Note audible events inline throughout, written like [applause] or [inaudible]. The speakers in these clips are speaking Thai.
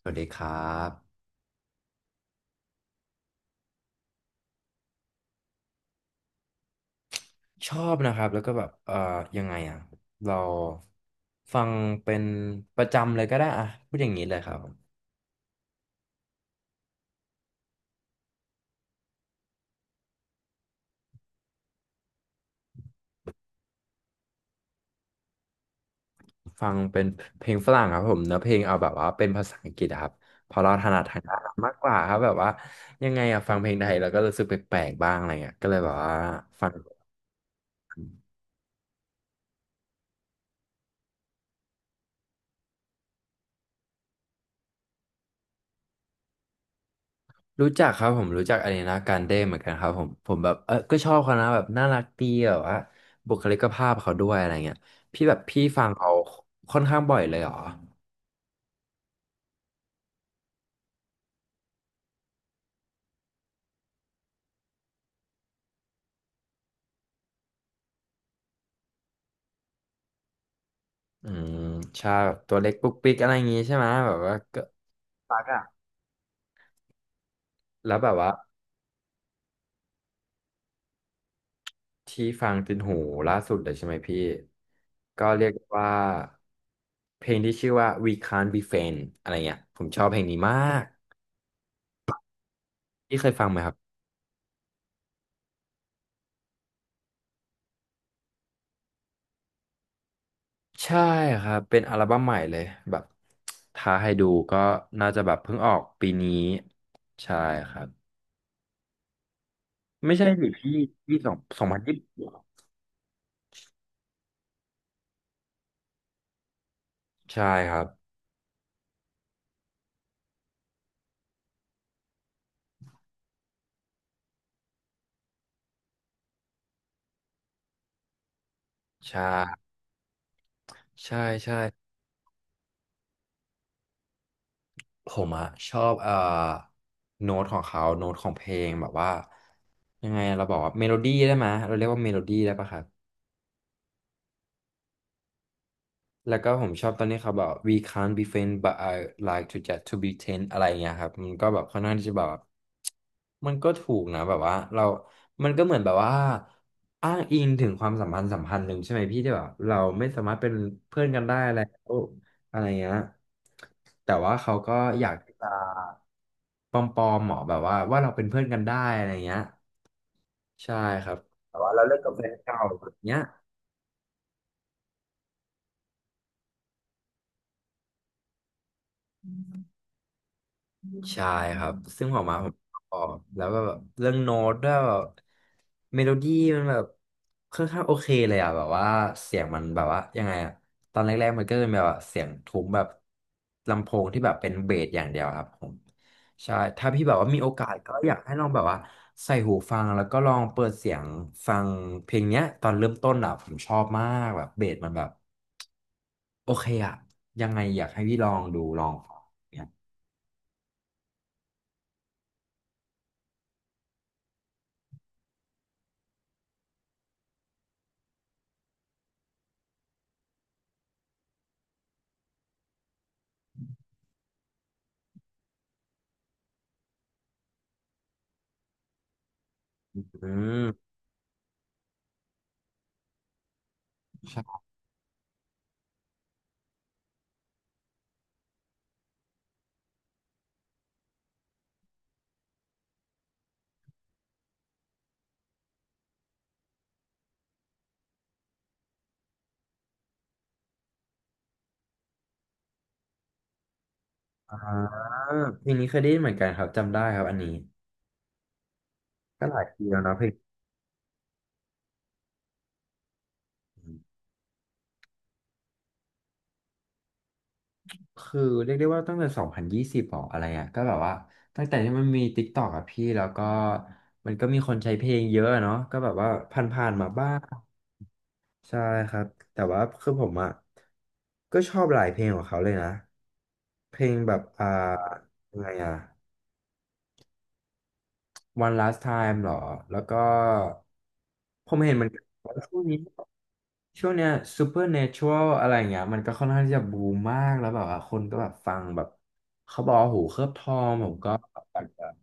สวัสดีครับชอบนะครับแล้วก็แบบยังไงอ่ะเราฟังเป็นประจำเลยก็ได้อ่ะพูดอย่างนี้เลยครับฟังเป็นเพลงฝรั่งครับผมเนื้อเพลงเอาแบบว่าเป็นภาษาอังกฤษอะครับเพอเราถนัดทางด้านนั้นมากกว่าครับแบบว่ายังไงอ่ะฟังเพลงไทยแล้วก็รู้สึกแปลกๆบ้างอะไรเงี้ยก็เลยแบบว่าฟังรู้จักครับผมรู้จักอารีนาการ์เด้เหมือนกันครับผมผมแบบเออก็ชอบเขานะแบบน่ารักดีแบบว่าบุคลิกภาพเขาด้วยอะไรเงี้ยพี่แบบพี่ฟังเขาค่อนข้างบ่อยเลยเหรอ อืมชาแบบตัวเล็กปุ๊กปิ๊กอะไรอย่างงี้ใช่ไหมแบบว่าก็ปักอ่ะแล้วแบบว่าที่ฟังติดหูล่าสุดเลยใช่ไหมพี่ก็เรียกว่าเพลงที่ชื่อว่า We Can't Be Friends อะไรเงี้ยผมชอบเพลงนี้มากพี่เคยฟังไหมครับใช่ครับเป็นอัลบั้มใหม่เลยแบบถ้าให้ดูก็น่าจะแบบเพิ่งออกปีนี้ใช่ครับไม่ใช่หรือพี่พี่สองพันยี่สิบใช่ครับใช่ใช่ใช่ ผมอะชอบโน้ตของเขาโน้ตของเพลงแบบว่ายังไงเราบอกว่าเมโลดี้ได้ไหมยเราเรียกว่าเมโลดี้ได้ปะครับ แล้วก็ผมชอบตอนนี้เขาบอก we can't be friends but I like to just to be t e n อะไรเงี้ยครับมันก็แบบค่อนข้างที่จะแบบมันก็ถูกนะแบบว่าเรามันก็เหมือนแบบว่าอ้างอิงถึงความสัมพันธ์หนึ่งใช่ไหมพี่ที่แบบเราไม่สามารถเป็นเพื่อนกันได้แล้วอะไรเงี้ยแต่ว่าเขาก็อยากจะปลอมๆหมอแบบว่าว่าเราเป็นเพื่อนกันได้อะไรเงี้ยใช่ครับแต่ว่าเราเลิกกับแฟนเก่าแบบเนี้ย ใช่ครับซึ่งออกมาผมชอบแล้วก็แบบเรื่องโน้ตด้วยแบบเมโลดี้มันแบบค่อนข้างโอเคเลยอ่ะแบบว่าเสียงมันแบบว่ายังไงอ่ะตอนแรกๆมันก็เป็นแบบว่าเสียงทุ้มแบบลำโพงที่แบบเป็นเบสอย่างเดียวครับผมใช่ถ้าพี่แบบว่ามีโอกาสก็อยากให้ลองแบบว่าใส่หูฟังแล้วก็ลองเปิดเสียงฟังเพลงเนี้ยตอนเริ่มต้นอ่ะผมชอบมากแบบเบสมันแบบโอเคอ่ะยังไงอยากให้พี่ลองดูลองฟังเนี่ยอืม อ่าเพลงนี้เคยได้ยินเหมือนกันครับจำได้ครับอันนี้ก็หลายปีแล้วเนอะเพลงนี้คือเรียกได้ว่าตั้งแต่สองพันยี่สิบหรออะไรอ่ะก็แบบว่าตั้งแต่ที่มันมีติ๊กตอกอะพี่แล้วก็มันก็มีคนใช้เพลงเยอะอะเนาะก็แบบว่าผ่านๆมาบ้างใช่ครับแต่ว่าคือผมอ่ะก็ชอบหลายเพลงของเขาเลยนะเพลงแบบอ่ายังไงอ่ะ One Last Time หรอแล้วก็ผมเห็นมันว่าช่วงนี้ ช่วงเนี้ย Supernatural อะไรเงี้ยมันก็ค่อนข้างที่จะบูมมากแล้วแบบว่าคนก็แบบฟังแบบเขาบอกว่าหูเคลือบทองผมก็แบบ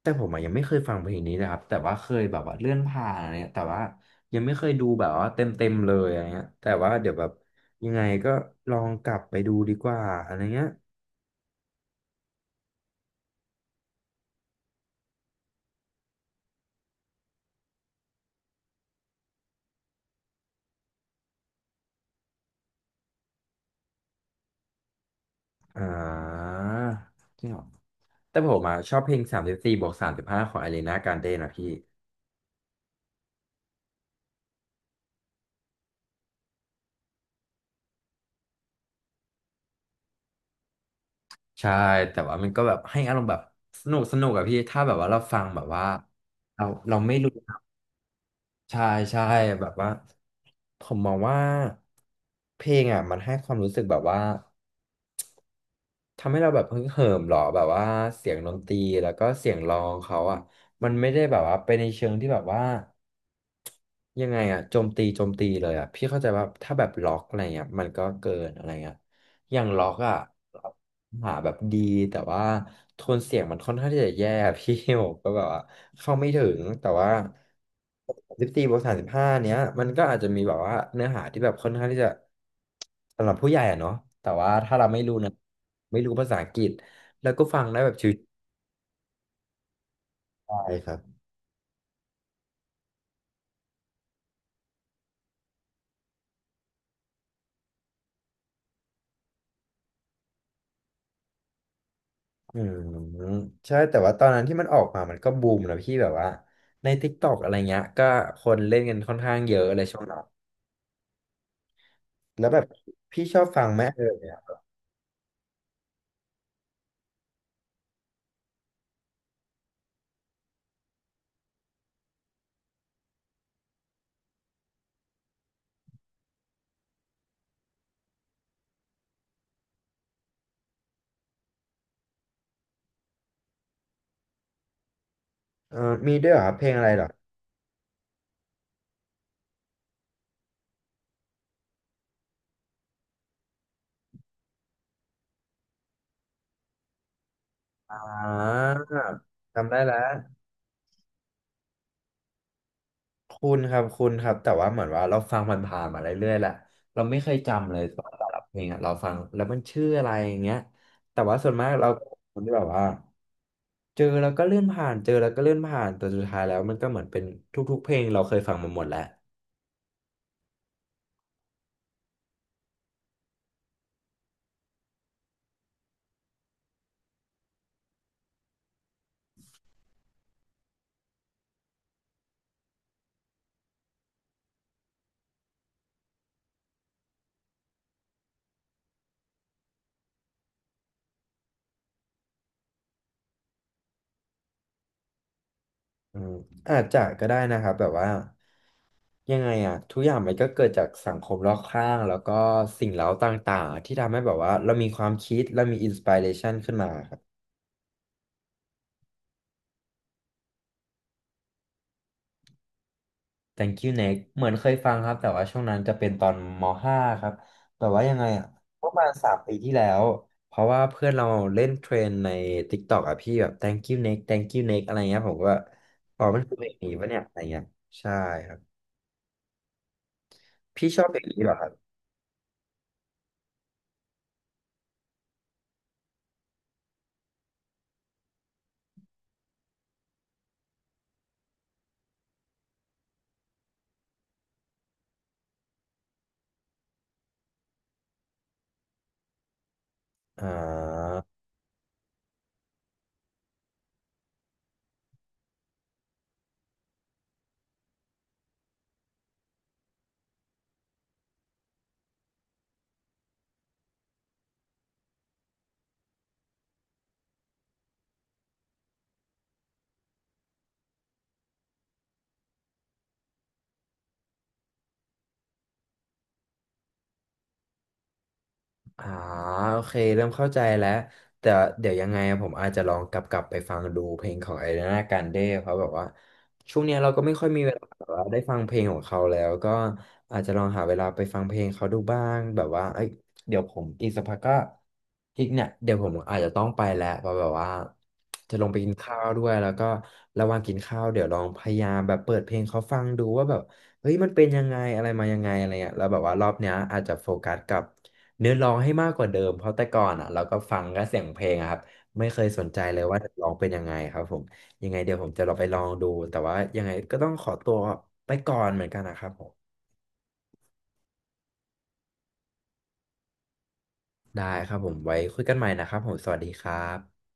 แต่ผมอะยังไม่เคยฟังเพลงนี้นะครับแต่ว่าเคยแบบว่าเลื่อนผ่านอะไรเงี้ยแต่ว่ายังไม่เคยดูแบบว่าเต็มเต็มเลยอะไรเงี้ยแต่ว่าเดี๋ยวแบบยังไงก็ลองกลับไปดูดีกว่าอะไรเงี้ยอ่าจริงเหรอแต่ผมอะชอบเพลง34+35ของอารีนาการ์เดนะพี่ ใช่แต่ว่ามันก็แบบให้อารมณ์แบบสนุกสนุกอะพี่ถ้าแบบว่าเราฟังแบบว่าเราเราไม่รู้ใช่ใช่แบบว่าผมมองว่าเพลงอะมันให้ความรู้สึกแบบว่าทำให้เราแบบฮึกเหิมหรอแบบว่าเสียงดนตรีแล้วก็เสียงร้องเขาอะมันไม่ได้แบบว่าไปในเชิงที่แบบว่า ยังไงอะโจมตีเลยอะพี่เข้าใจว่าถ้าแบบล็อกอะไรเงี้ยมันก็เกินอะไรเงี้ยอย่างล็อกอะหาแบบดีแต่ว่าโทนเสียงมันค่อนข้างที่จะแย่อะ [laughs] พี่ [laughs] ผมก็แบบว่าเข้าไม่ถึงแต่ว่าสิบสี่บวกสามสิบห้าเนี้ยมันก็อาจจะมีแบบว่าเนื้อหาที่แบบค่อนข้างที่จะสำหรับผู้ใหญ่อะเนาะแต่ว่าถ้าเราไม่รู้นะไม่รู้ภาษาอังกฤษแล้วก็ฟังได้แบบชิวๆได้ครับ อืมใช่แต่ว่าตอนนั้นที่มันออกมามันก็บูมนะพี่แบบว่าใน TikTok อะไรเงี้ยก็คนเล่นกันค่อนข้างเยอะเลยช่วงนั้นแล้วแบบพี่ชอบฟังไหมเนี่ยเออมีด้วยเหรอครับเพลงอะไรเหรออ่าจำได้แล้วคุณครับแต่ว่าเหมือนว่าเราฟังมันผ่านๆมาเรื่อยๆแหละเราไม่เคยจำเลยตอนแต่ละเพลงอะเราฟังแล้วมันชื่ออะไรอย่างเงี้ยแต่ว่าส่วนมากเราคนที่แบบว่าเจอแล้วก็เลื่อนผ่านเจอแล้วก็เลื่อนผ่านแต่สุดท้ายแล้วมันก็เหมือนเป็นทุกๆเพลงเราเคยฟังมาหมดแล้ว อืมอาจจะก็ได้นะครับแบบว่ายังไงอ่ะทุกอย่างมันก็เกิดจากสังคมรอบข้างแล้วก็สิ่งเร้าต่างๆที่ทำให้แบบว่าเรามีความคิดเรามีอินสปิเรชันขึ้นมาครับ Thank you Next เหมือนเคยฟังครับแต่ว่าช่วงนั้นจะเป็นตอนม .5 ครับแบบว่ายังไงอ่ะประมาณ3 ปีที่แล้วเพราะว่าเพื่อนเราเล่นเทรนใน TikTok อ่ะพี่แบบ Thank you Next Thank you Next อะไรเงี้ยผมก็ว่าอ๋อมันคือเพลงนี้ปะเนี่ยอะไรเงี้ยใช่ครับพี่ชอบเพลงนี้เหรอครับอ่า อ่าโอเคเริ่มเข้าใจแล้วแต่เดี๋ยวยังไงอะผมอาจจะลองกลับไปฟังดูเพลงของไอริานาการเด้เพราะแบบว่าช่วงเนี้ยเราก็ไม่ค่อยมีเวลาแบบว่าได้ฟังเพลงของเขาแล้วก็อาจจะลองหาเวลาไปฟังเพลงเขาดูบ้างแบบว่าเอ้ยเดี๋ยวผมอีกสักพักก็อีกเนี่ยเดี๋ยวผมอาจจะต้องไปแล้วเพราะแบบว่าจะลงไปกินข้าวด้วยแล้วก็ระหว่างกินข้าวเดี๋ยวลองพยายามแบบเปิดเพลงเขาฟังดูว่าแบบเฮ้ยมันเป็นยังไงอะไรมายังไงอะไรเงี้ยแล้วแบบว่ารอบเนี้ยอาจจะโฟกัสกับ เนื้อร้องให้มากกว่าเดิมเพราะแต่ก่อนอ่ะเราก็ฟังก็เสียงเพลงอะครับไม่เคยสนใจเลยว่าจะร้องเป็นยังไงครับผมยังไงเดี๋ยวผมจะลองไปลองดูแต่ว่ายังไงก็ต้องขอตัวไปก่อนเหมือนกันนะครับผมได้ครับผมไว้คุยกันใหม่นะครับผมสวัสดีครับ